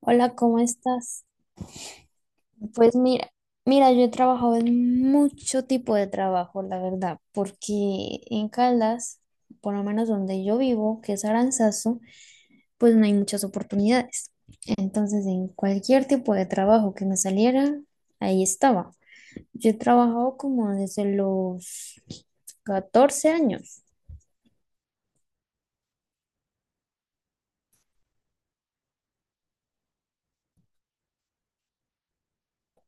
Hola, ¿cómo estás? Pues mira, mira, yo he trabajado en mucho tipo de trabajo, la verdad, porque en Caldas, por lo menos donde yo vivo, que es Aranzazu, pues no hay muchas oportunidades. Entonces, en cualquier tipo de trabajo que me saliera, ahí estaba. Yo he trabajado como desde los 14 años.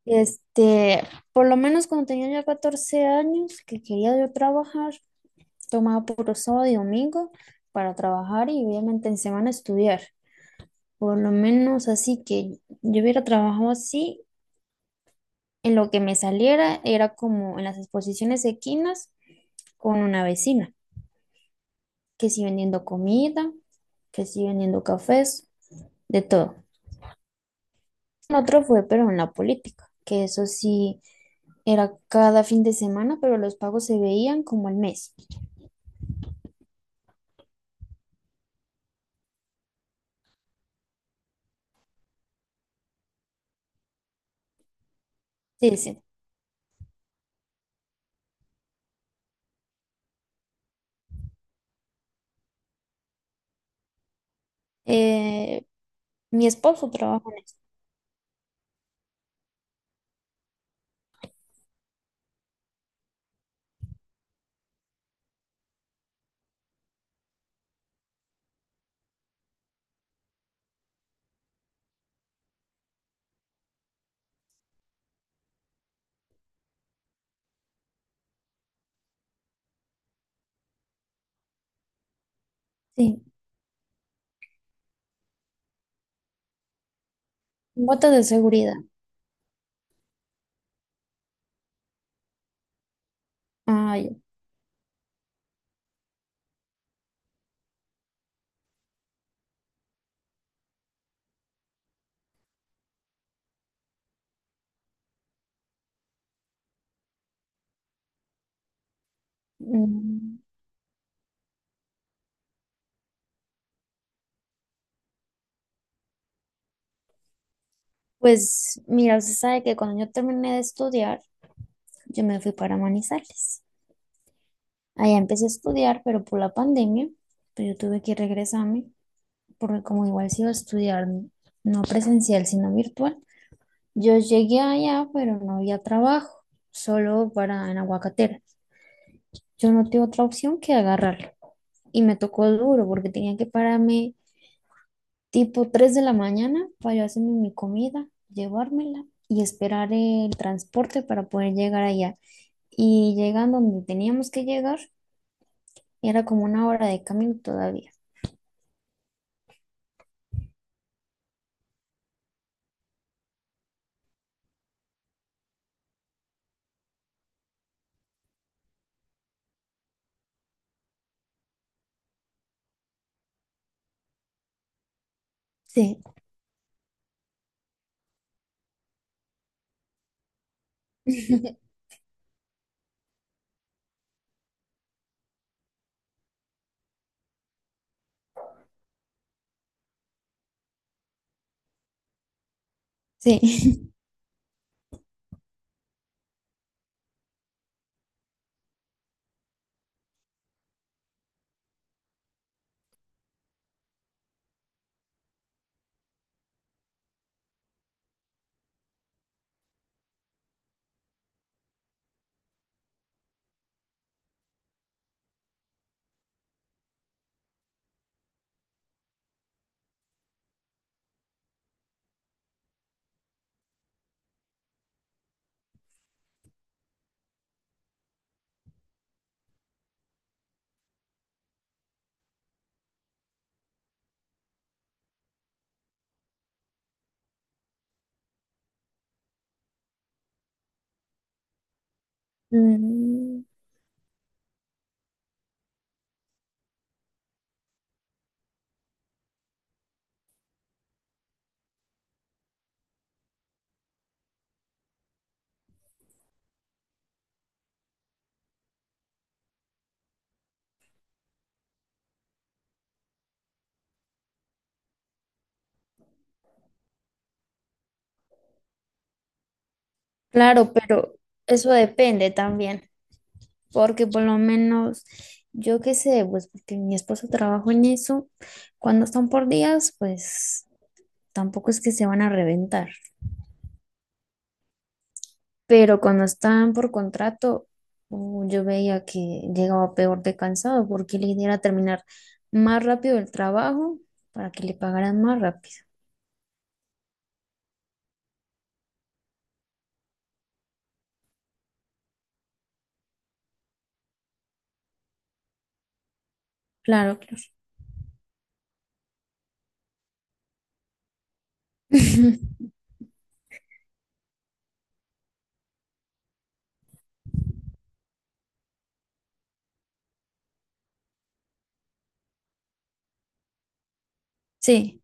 Este, por lo menos cuando tenía ya 14 años que quería yo trabajar, tomaba puro sábado y domingo para trabajar y obviamente en semana estudiar. Por lo menos así que yo hubiera trabajado así, en lo que me saliera era como en las exposiciones equinas con una vecina, que sí vendiendo comida, que sí vendiendo cafés, de todo. Otro fue, pero en la política, que eso sí era cada fin de semana, pero los pagos se veían como al mes. Sí, sí. Eh, mi esposo trabaja en sí, botas de seguridad. Ay. Mm. Pues mira, usted sabe que cuando yo terminé de estudiar, yo me fui para Manizales. Allá empecé a estudiar, pero por la pandemia, pues yo tuve que regresarme, porque como igual se iba a estudiar no presencial, sino virtual, yo llegué allá, pero no había trabajo, solo para en aguacatera. Yo no tuve otra opción que agarrarlo. Y me tocó duro, porque tenía que pararme tipo 3 de la mañana para yo hacerme mi comida, llevármela y esperar el transporte para poder llegar allá. Y llegando donde teníamos que llegar, era como una hora de camino todavía. Sí, sí. Mm. Claro, pero eso depende también, porque por lo menos yo qué sé, pues porque mi esposo trabaja en eso, cuando están por días, pues tampoco es que se van a reventar. Pero cuando estaban por contrato, yo veía que llegaba peor de cansado porque la idea era terminar más rápido el trabajo para que le pagaran más rápido. Claro, claro. Sí,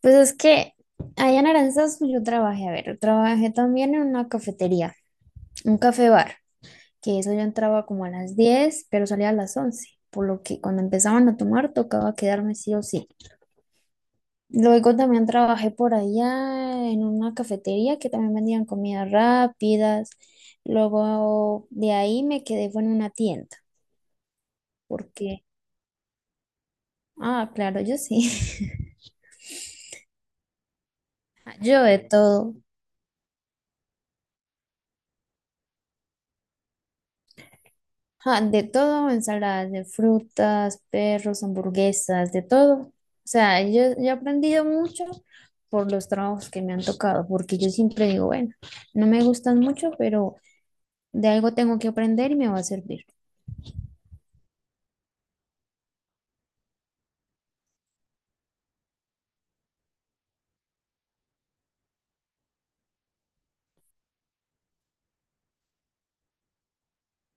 pues es que allá en Aranzazu yo trabajé, a ver, yo trabajé también en una cafetería, un café bar, que eso yo entraba como a las 10 pero salía a las 11 por lo que cuando empezaban a tomar tocaba quedarme sí o sí. Luego también trabajé por allá en una cafetería que también vendían comidas rápidas. Luego de ahí me quedé fue en una tienda, porque, ah, claro, yo sí. Yo de todo. Ah, de todo, ensaladas de frutas, perros, hamburguesas, de todo. O sea, yo he aprendido mucho por los trabajos que me han tocado, porque yo siempre digo, bueno, no me gustan mucho, pero de algo tengo que aprender y me va a servir.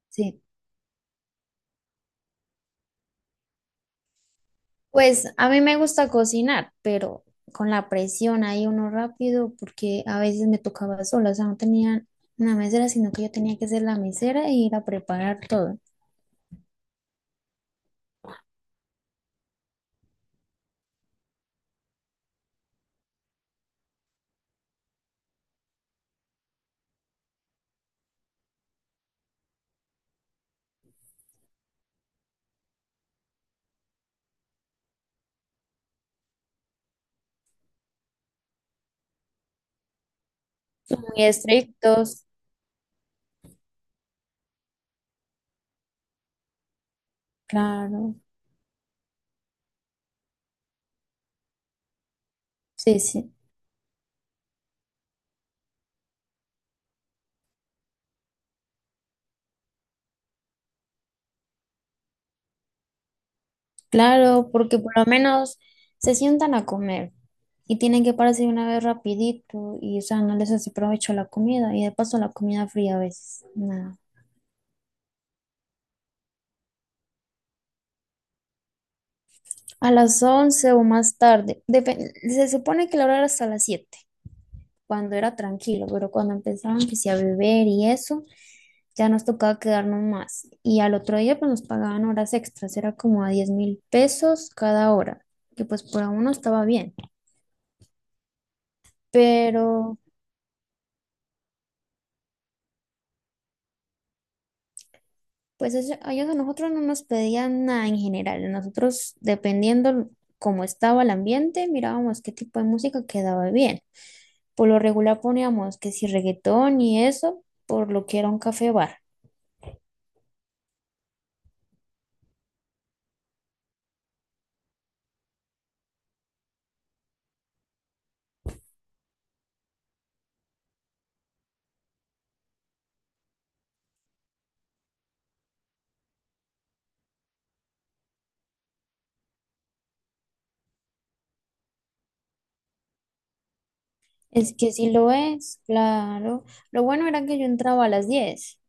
Sí. Pues a mí me gusta cocinar, pero con la presión ahí uno rápido, porque a veces me tocaba sola, o sea, no tenía una mesera, sino que yo tenía que ser la mesera e ir a preparar todo. Muy estrictos, claro, sí, sí, claro, porque por lo menos se sientan a comer y tienen que pararse de una vez rapidito y, o sea, no les hace provecho la comida y de paso la comida fría a veces, nada. A las 11 o más tarde, se supone que la hora era hasta las 7, cuando era tranquilo, pero cuando empezaban que sí a beber y eso, ya nos tocaba quedarnos más. Y al otro día pues nos pagaban horas extras, era como a 10.000 pesos cada hora, que pues por uno estaba bien. Pero pues eso, a ellos a nosotros no nos pedían nada en general, nosotros dependiendo cómo estaba el ambiente, mirábamos qué tipo de música quedaba bien. Por lo regular poníamos que si reggaetón y eso, por lo que era un café bar. Es que sí lo es, claro. Lo bueno era que yo entraba a las 10.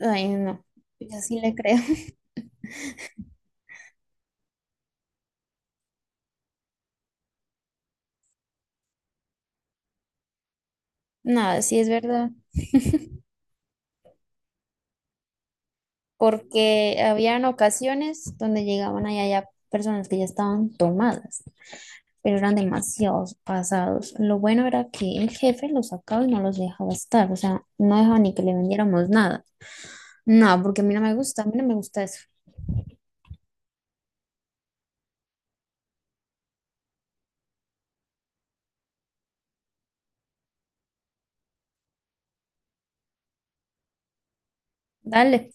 Ay, no, yo sí le creo. Nada, sí es verdad. Porque habían ocasiones donde llegaban allá ya personas que ya estaban tomadas, pero eran demasiados pasados. Lo bueno era que el jefe los sacaba y no los dejaba estar. O sea, no dejaba ni que le vendiéramos nada. No, porque a mí no me gusta, a mí no me gusta eso. Dale.